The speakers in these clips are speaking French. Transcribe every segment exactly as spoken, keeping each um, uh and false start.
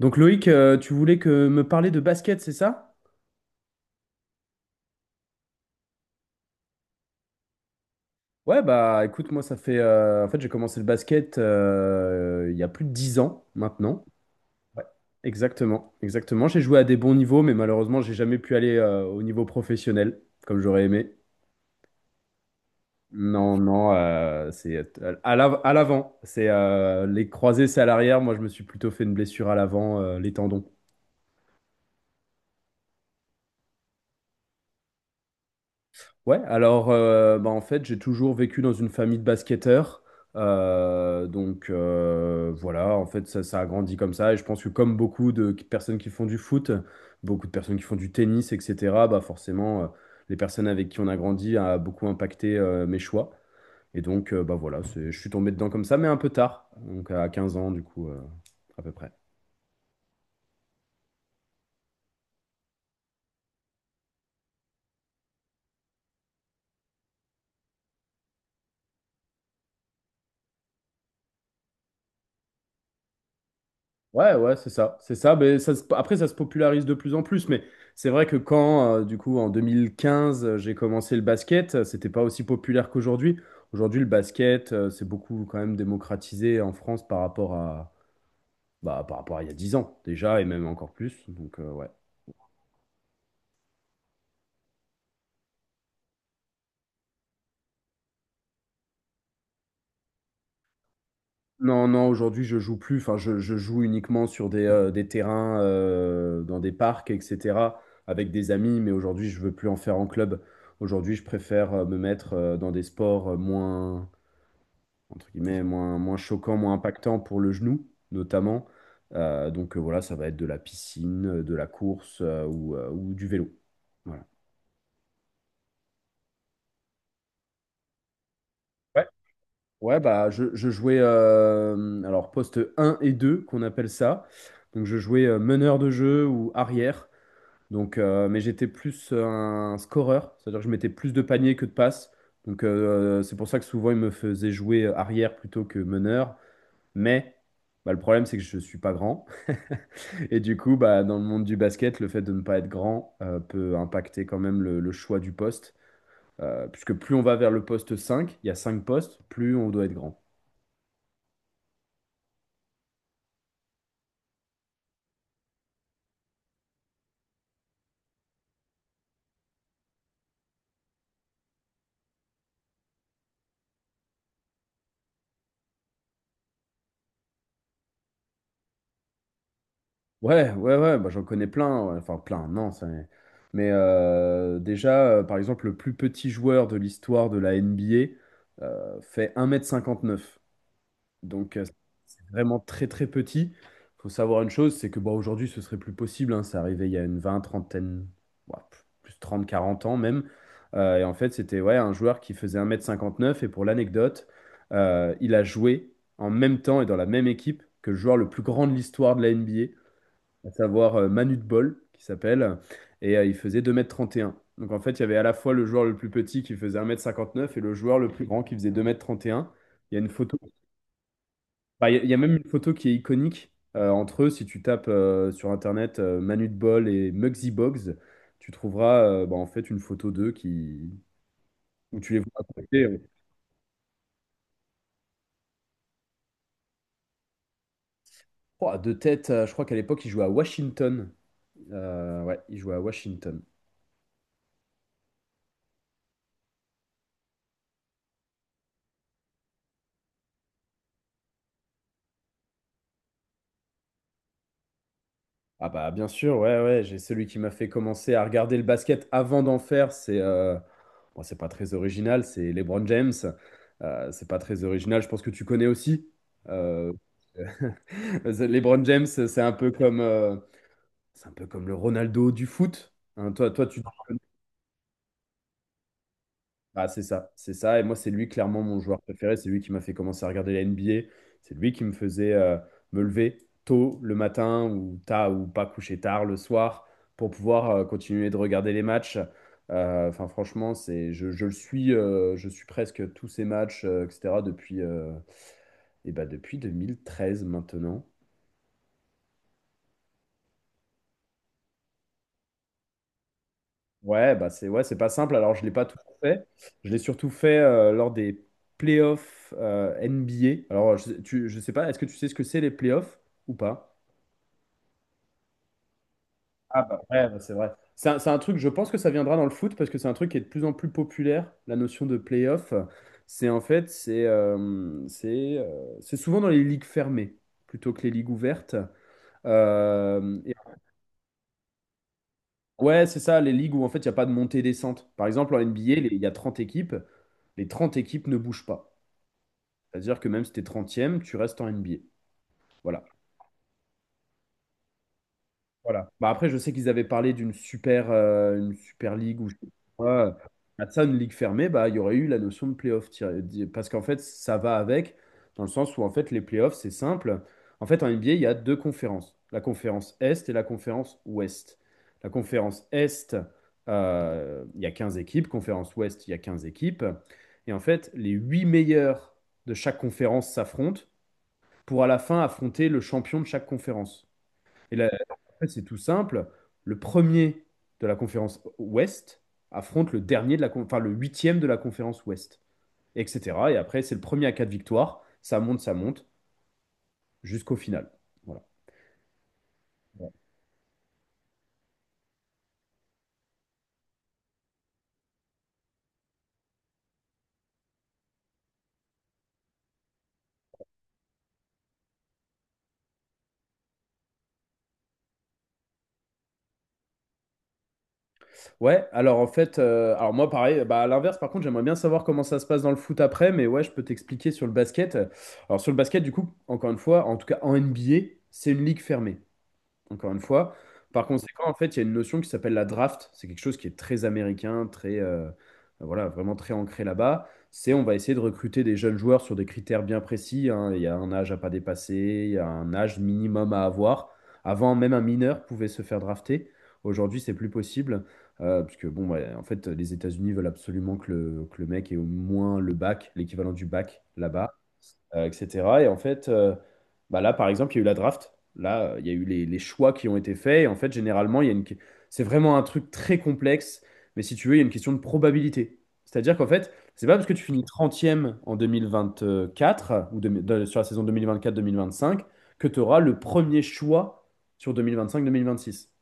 Donc Loïc, euh, tu voulais que me parler de basket, c'est ça? Ouais, bah écoute, moi ça fait... euh, en fait, j'ai commencé le basket euh, il y a plus de dix ans maintenant. Ouais. Exactement, exactement. J'ai joué à des bons niveaux, mais malheureusement, j'ai jamais pu aller euh, au niveau professionnel, comme j'aurais aimé. Non, non, euh, c'est à l'av- à l'avant. C'est euh, les croisés, c'est à l'arrière. Moi, je me suis plutôt fait une blessure à l'avant, euh, les tendons. Ouais, alors euh, bah, en fait, j'ai toujours vécu dans une famille de basketteurs. Euh, donc euh, voilà, en fait, ça, ça a grandi comme ça. Et je pense que comme beaucoup de personnes qui font du foot, beaucoup de personnes qui font du tennis, et cetera, bah forcément, euh, les personnes avec qui on a grandi a beaucoup impacté euh, mes choix. Et donc, euh, bah voilà, c'est- je suis tombé dedans comme ça, mais un peu tard, donc à 15 ans, du coup, euh, à peu près. Ouais, ouais, c'est ça, c'est ça. Mais ça se- après, ça se popularise de plus en plus. Mais c'est vrai que quand, euh, du coup, en deux mille quinze, euh, j'ai commencé le basket, euh, c'était pas aussi populaire qu'aujourd'hui. Aujourd'hui, le basket, euh, c'est beaucoup quand même démocratisé en France par rapport à, bah, par rapport à il y a dix ans déjà, et même encore plus. Donc, euh, ouais. Non, non, aujourd'hui, je joue plus. Enfin, je, je joue uniquement sur des, euh, des terrains, euh, dans des parcs, et cetera, avec des amis. Mais aujourd'hui, je veux plus en faire en club. Aujourd'hui, je préfère euh, me mettre euh, dans des sports euh, moins entre guillemets, moins, moins choquant, moins impactant pour le genou, notamment. Euh, donc euh, voilà, ça va être de la piscine, euh, de la course euh, ou, euh, ou du vélo. Voilà. Ouais. Ouais, bah je, je jouais euh, alors poste un et deux qu'on appelle ça. Donc je jouais euh, meneur de jeu ou arrière. Donc euh, mais j'étais plus euh, un scoreur c'est-à-dire que je mettais plus de paniers que de passes. Donc euh, c'est pour ça que souvent ils me faisaient jouer euh, arrière plutôt que meneur. Mais bah, le problème, c'est que je ne suis pas grand. Et du coup, bah, dans le monde du basket, le fait de ne pas être grand euh, peut impacter quand même le, le choix du poste. Euh, puisque plus on va vers le poste cinq, il y a cinq postes, plus on doit être grand. Ouais, ouais, ouais, bah, j'en connais plein. Ouais. Enfin, plein, non. ça- Mais euh, déjà, euh, par exemple, le plus petit joueur de l'histoire de la N B A euh, fait un mètre cinquante-neuf. Donc, euh, c'est vraiment très, très petit. Il faut savoir une chose, c'est que bon, aujourd'hui, ce serait plus possible. Hein. C'est arrivé il y a une vingt, trentaine, ouais, plus trente quarante ans même. Euh, et en fait, c'était ouais, un joueur qui faisait un mètre cinquante neuf. Et pour l'anecdote, euh, il a joué en même temps et dans la même équipe que le joueur le plus grand de l'histoire de la N B A, à savoir euh, Manute Bol qui s'appelle. Et euh, il faisait deux mètres trente et un. Donc en fait, il y avait à la fois le joueur le plus petit qui faisait un mètre cinquante neuf et le joueur le plus grand qui faisait deux mètres trente et un. Il y a une photo. Bah, Il y, a il y a même une photo qui est iconique euh, entre eux. Si tu tapes euh, sur Internet euh, Manute Bol et Muggsy Bogues, tu trouveras euh, bah, en fait une photo d'eux qui où tu les vois à côté. euh. Oh, de tête, euh, je crois qu'à l'époque, ils jouaient à Washington. Euh, ouais, ils jouaient à Washington. Ah bah bien sûr, ouais, ouais, j'ai celui qui m'a fait commencer à regarder le basket avant d'en faire, c'est... euh, bon, c'est pas très original, c'est LeBron James. Euh, c'est pas très original, je pense que tu connais aussi. Euh, LeBron James, c'est un peu comme, euh, c'est un peu comme le Ronaldo du foot. Hein, toi, toi, tu. Ah, c'est ça, c'est ça. Et moi, c'est lui clairement mon joueur préféré. C'est lui qui m'a fait commencer à regarder la N B A. C'est lui qui me faisait euh, me lever tôt le matin ou tard ou pas coucher tard le soir pour pouvoir euh, continuer de regarder les matchs. Euh, Enfin, franchement, c'est, je, je le suis, euh, je suis presque tous ces matchs, euh, et cetera depuis, euh, eh ben, depuis deux mille treize maintenant. Ouais, bah c'est ouais, c'est pas simple. Alors, je l'ai pas tout fait. Je l'ai surtout fait euh, lors des playoffs euh, N B A. Alors, je, tu, je sais pas, est-ce que tu sais ce que c'est les playoffs ou pas? Ah bah ouais, bah, c'est vrai. C'est un, c'est un truc, je pense que ça viendra dans le foot parce que c'est un truc qui est de plus en plus populaire, la notion de playoff. C'est en fait, c'est euh, c'est euh, c'est souvent dans les ligues fermées plutôt que les ligues ouvertes. Euh, Ouais, c'est ça, les ligues où en fait il n'y a pas de montée-descente. Par exemple, en N B A, les- il y a trente équipes, les trente équipes ne bougent pas. C'est-à-dire que même si tu es trentième, tu restes en N B A. Voilà. Voilà. Bah après, je sais qu'ils avaient parlé d'une super, euh, une super ligue ou je sais pas quoi. À ça, une ligue fermée, bah, il y aurait eu la notion de playoff. tiré- di- Parce qu'en fait, ça va avec, dans le sens où en fait, les playoffs, c'est simple. En fait, en N B A, il y a deux conférences, la conférence Est et la conférence Ouest. La conférence Est, euh, il y a quinze équipes. Conférence Ouest, il y a quinze équipes. Et en fait, les huit meilleurs de chaque conférence s'affrontent pour à la fin affronter le champion de chaque conférence. Et là, en fait, c'est tout simple. Le premier de la conférence Ouest affronte le dernier de la, con- enfin, le huitième de la conférence Ouest, et cetera. Et après, c'est le premier à quatre victoires. Ça monte, ça monte, jusqu'au final. Voilà. Ouais, alors en fait, euh, alors moi pareil, bah à l'inverse, par contre, j'aimerais bien savoir comment ça se passe dans le foot après, mais ouais, je peux t'expliquer sur le basket. Alors sur le basket, du coup, encore une fois, en tout cas en N B A, c'est une ligue fermée. Encore une fois. Par conséquent, en fait, il y a une notion qui s'appelle la draft. C'est quelque chose qui est très américain, très, euh, voilà, vraiment très ancré là-bas. C'est on va essayer de recruter des jeunes joueurs sur des critères bien précis. Hein. Il y a un âge à pas dépasser, il y a un âge minimum à avoir. Avant, même un mineur pouvait se faire drafter. Aujourd'hui, c'est plus possible. euh, parce que, bon, ouais, en fait, les États-Unis veulent absolument que le, que le mec ait au moins le bac, l'équivalent du bac là-bas euh, et cetera. Et en fait, euh, bah là, par exemple, il y a eu la draft. Là, euh, il y a eu les, les choix qui ont été faits. Et en fait, généralement, il y a une que- c'est vraiment un truc très complexe. Mais si tu veux, il y a une question de probabilité. C'est-à-dire qu'en fait, c'est pas parce que tu finis trentième en deux mille vingt quatre ou de- de- sur la saison deux deux mille vingt-quatre-deux mille vingt quatre vingt cinq que tu auras le premier choix sur deux deux mille vingt-cinq-deux mille vingt cinq vingt six.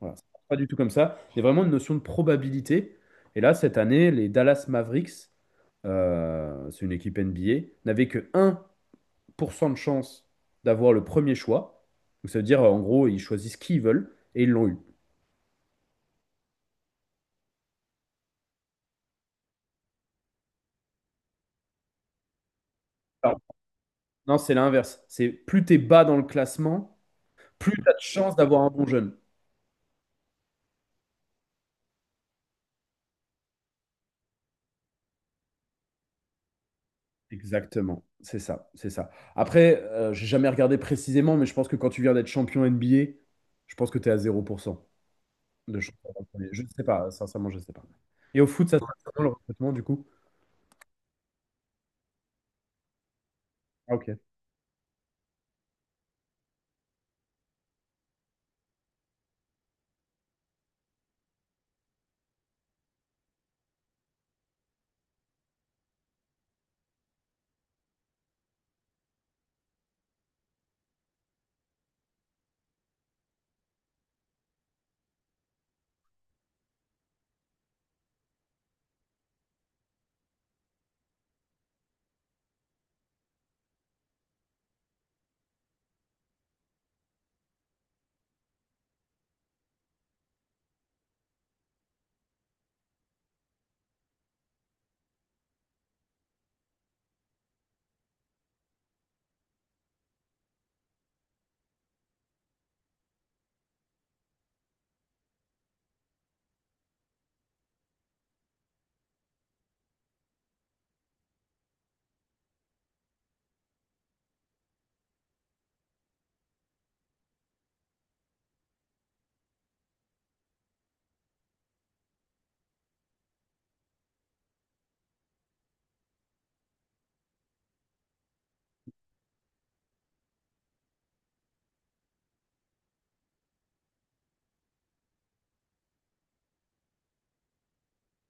Voilà, c'est pas du tout comme ça. Il y a vraiment une notion de probabilité. Et là, cette année, les Dallas Mavericks, euh, c'est une équipe N B A, n'avaient que un pour cent de chance d'avoir le premier choix. Donc ça veut dire, euh, en gros, ils choisissent qui ils veulent et ils l'ont eu. Alors, non, c'est l'inverse. C'est plus t'es bas dans le classement, plus t'as de chance d'avoir un bon jeune. Exactement. C'est ça, c'est ça. Après, euh, j'ai jamais regardé précisément, mais je pense que quand tu viens d'être champion N B A, je pense que tu es à zéro pour cent de chance. D'avoir le premier. Je ne sais pas, sincèrement, je ne sais pas. Et au foot, ça se passe comment le recrutement du coup? Ah, ok.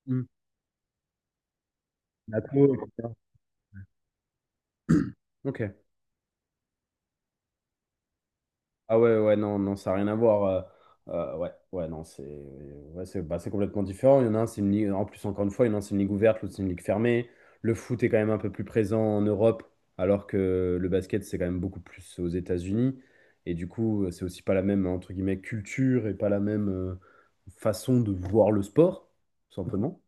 Hmm. Nato, et cetera. Ok. Ah ouais, ouais, non, non, ça n'a rien à voir. euh, euh, ouais, ouais, non, c'est ouais, c'est bah, c'est complètement différent. Il y en a un, c'est une ligue, en plus, encore une fois, Il y en a un, c'est une ligue ouverte, l'autre, c'est une ligue fermée. Le foot est quand même un peu plus présent en Europe, alors que le basket, c'est quand même beaucoup plus aux États-Unis. Et du coup, c'est aussi pas la même, entre guillemets, culture et pas la même euh, façon de voir le sport, tout simplement.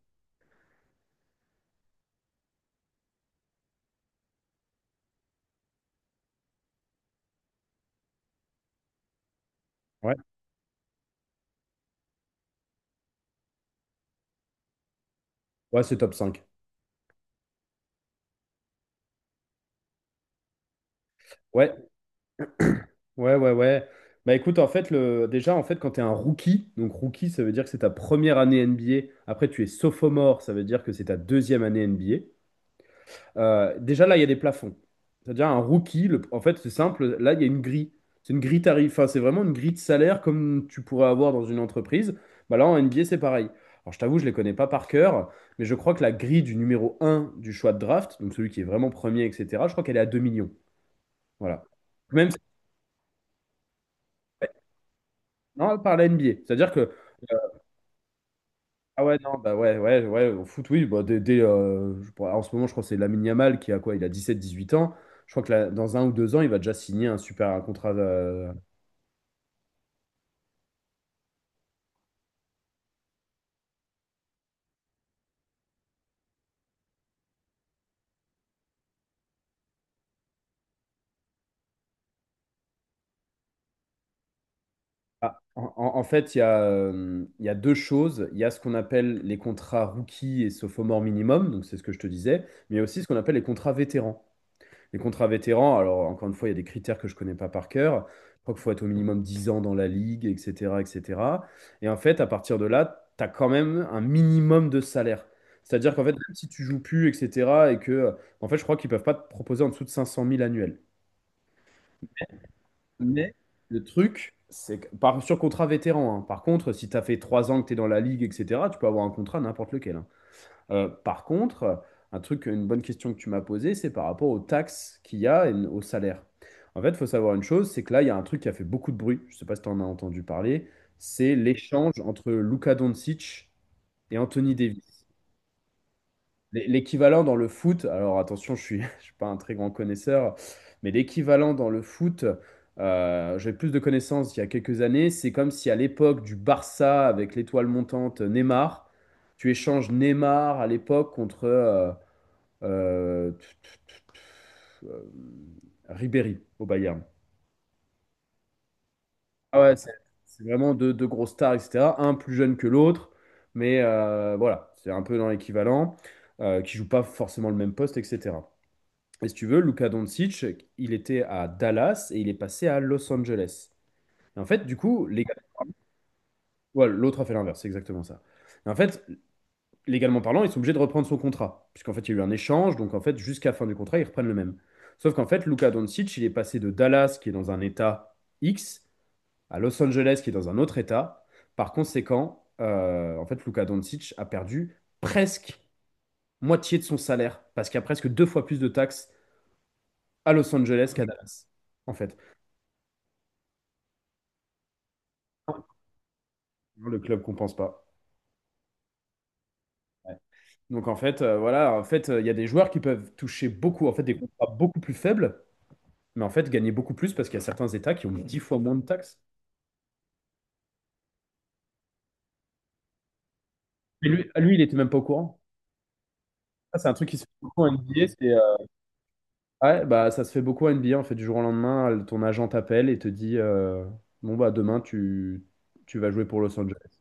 Ouais, ouais, c'est top cinq. Ouais, ouais, ouais, ouais. Bah écoute, en fait, le... déjà, en fait, quand tu es un rookie, donc rookie, ça veut dire que c'est ta première année N B A. Après, tu es sophomore, ça veut dire que c'est ta deuxième année N B A. Euh, déjà, là, il y a des plafonds. C'est-à-dire, un rookie, le- en fait, c'est simple, là, il y a une grille. C'est une grille tarif. Enfin, c'est vraiment une grille de salaire comme tu pourrais avoir dans une entreprise. Bah là, en N B A, c'est pareil. Alors, je t'avoue, je les connais pas par cœur, mais je crois que la grille du numéro un du choix de draft, donc celui qui est vraiment premier, et cetera, je crois qu'elle est à deux millions. Voilà. Même si- Non, par la N B A. C'est-à-dire que ah ouais, non, bah ouais, ouais, ouais, au foot, oui. Bah, dès, dès, euh, je pourrais- en ce moment, je crois que c'est Lamine Yamal qui a quoi? Il a dix sept dix huit ans. Je crois que là, dans un ou deux ans, il va déjà signer un super un contrat. Euh, ah, en, en- en fait, il y a, euh, il y a deux choses. Il y a ce qu'on appelle les contrats rookies et sophomore minimum, donc c'est ce que je te disais, mais il y a aussi ce qu'on appelle les contrats vétérans. Les contrats vétérans, alors encore une fois, il y a des critères que je connais pas par cœur. Je crois qu'il faut être au minimum dix ans dans la ligue, et cetera, et cetera. Et cetera. Et en fait, à partir de là, tu as quand même un minimum de salaire. C'est-à-dire qu'en fait, même si tu joues plus, et cetera, et que, en fait, je crois qu'ils peuvent pas te proposer en dessous de cinq cent mille annuels. Mais le truc, c'est que, par, sur contrat vétéran, hein. Par contre, si tu as fait trois ans que tu es dans la ligue, et cetera, tu peux avoir un contrat n'importe lequel, hein. Euh, par contre, un truc, une bonne question que tu m'as posée, c'est par rapport aux taxes qu'il y a et au salaire. En fait, il faut savoir une chose, c'est que là, il y a un truc qui a fait beaucoup de bruit, je ne sais pas si tu en as entendu parler, c'est l'échange entre Luka Doncic et Anthony Davis. L'é- L'équivalent dans le foot, alors attention, je suis, je suis pas un très grand connaisseur, mais l'équivalent dans le foot, euh, j'avais plus de connaissances il y a quelques années, c'est comme si à l'époque du Barça avec l'étoile montante Neymar, tu échanges Neymar à l'époque contre... euh, euh, tu- tu- tu- euh, Ribéry au Bayern. Ah ouais, c'est c'est vraiment deux, deux grosses stars, et cetera. Un plus jeune que l'autre, mais euh, voilà, c'est un peu dans l'équivalent, euh, qui joue pas forcément le même poste, et cetera. Et si tu veux, Luka Doncic, il était à Dallas et il est passé à Los Angeles. Et en fait, du coup, les gars, ouais, l'autre a fait l'inverse, c'est exactement ça. Et en fait, légalement parlant, ils sont obligés de reprendre son contrat. Puisqu'en fait, il y a eu un échange, donc en fait, jusqu'à la fin du contrat, ils reprennent le même. Sauf qu'en fait, Luka Doncic, il est passé de Dallas, qui est dans un état X, à Los Angeles, qui est dans un autre état. Par conséquent, euh, en fait, Luka Doncic a perdu presque moitié de son salaire, parce qu'il y a presque deux fois plus de taxes à Los Angeles qu'à Dallas, en fait. Le club compense pas. Ouais. Donc en fait, euh, voilà, en fait, euh, il y a des joueurs qui peuvent toucher beaucoup, en fait, des contrats beaucoup plus faibles, mais en fait, gagner beaucoup plus parce qu'il y a certains États qui ont dix fois moins de taxes. Et lui, lui, il était même pas au courant. Ça, c'est un truc qui se fait beaucoup en N B A. C'est, euh, ouais, bah, ça se fait beaucoup en N B A. En fait, du jour au lendemain, ton agent t'appelle et te dit euh, bon, bah, demain, tu, tu vas jouer pour Los Angeles.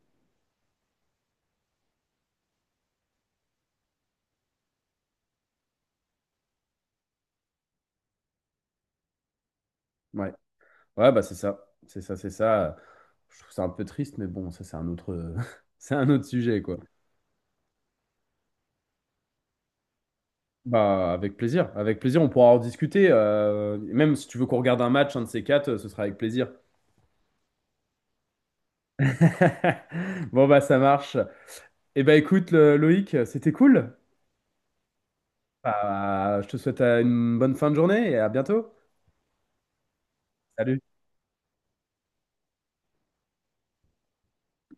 Ouais, ouais bah, c'est ça. C'est ça, c'est ça. Je trouve ça un peu triste, mais bon, ça, c'est un autre, c'est un autre sujet, quoi. Bah, avec plaisir. Avec plaisir, on pourra en discuter. euh, même si tu veux qu'on regarde un match, un de ces quatre, euh, ce sera avec plaisir. Bon, bah, ça marche. Eh ben écoute, le- Loïc, c'était cool. Bah, je te souhaite euh, une bonne fin de journée et à bientôt. Salut.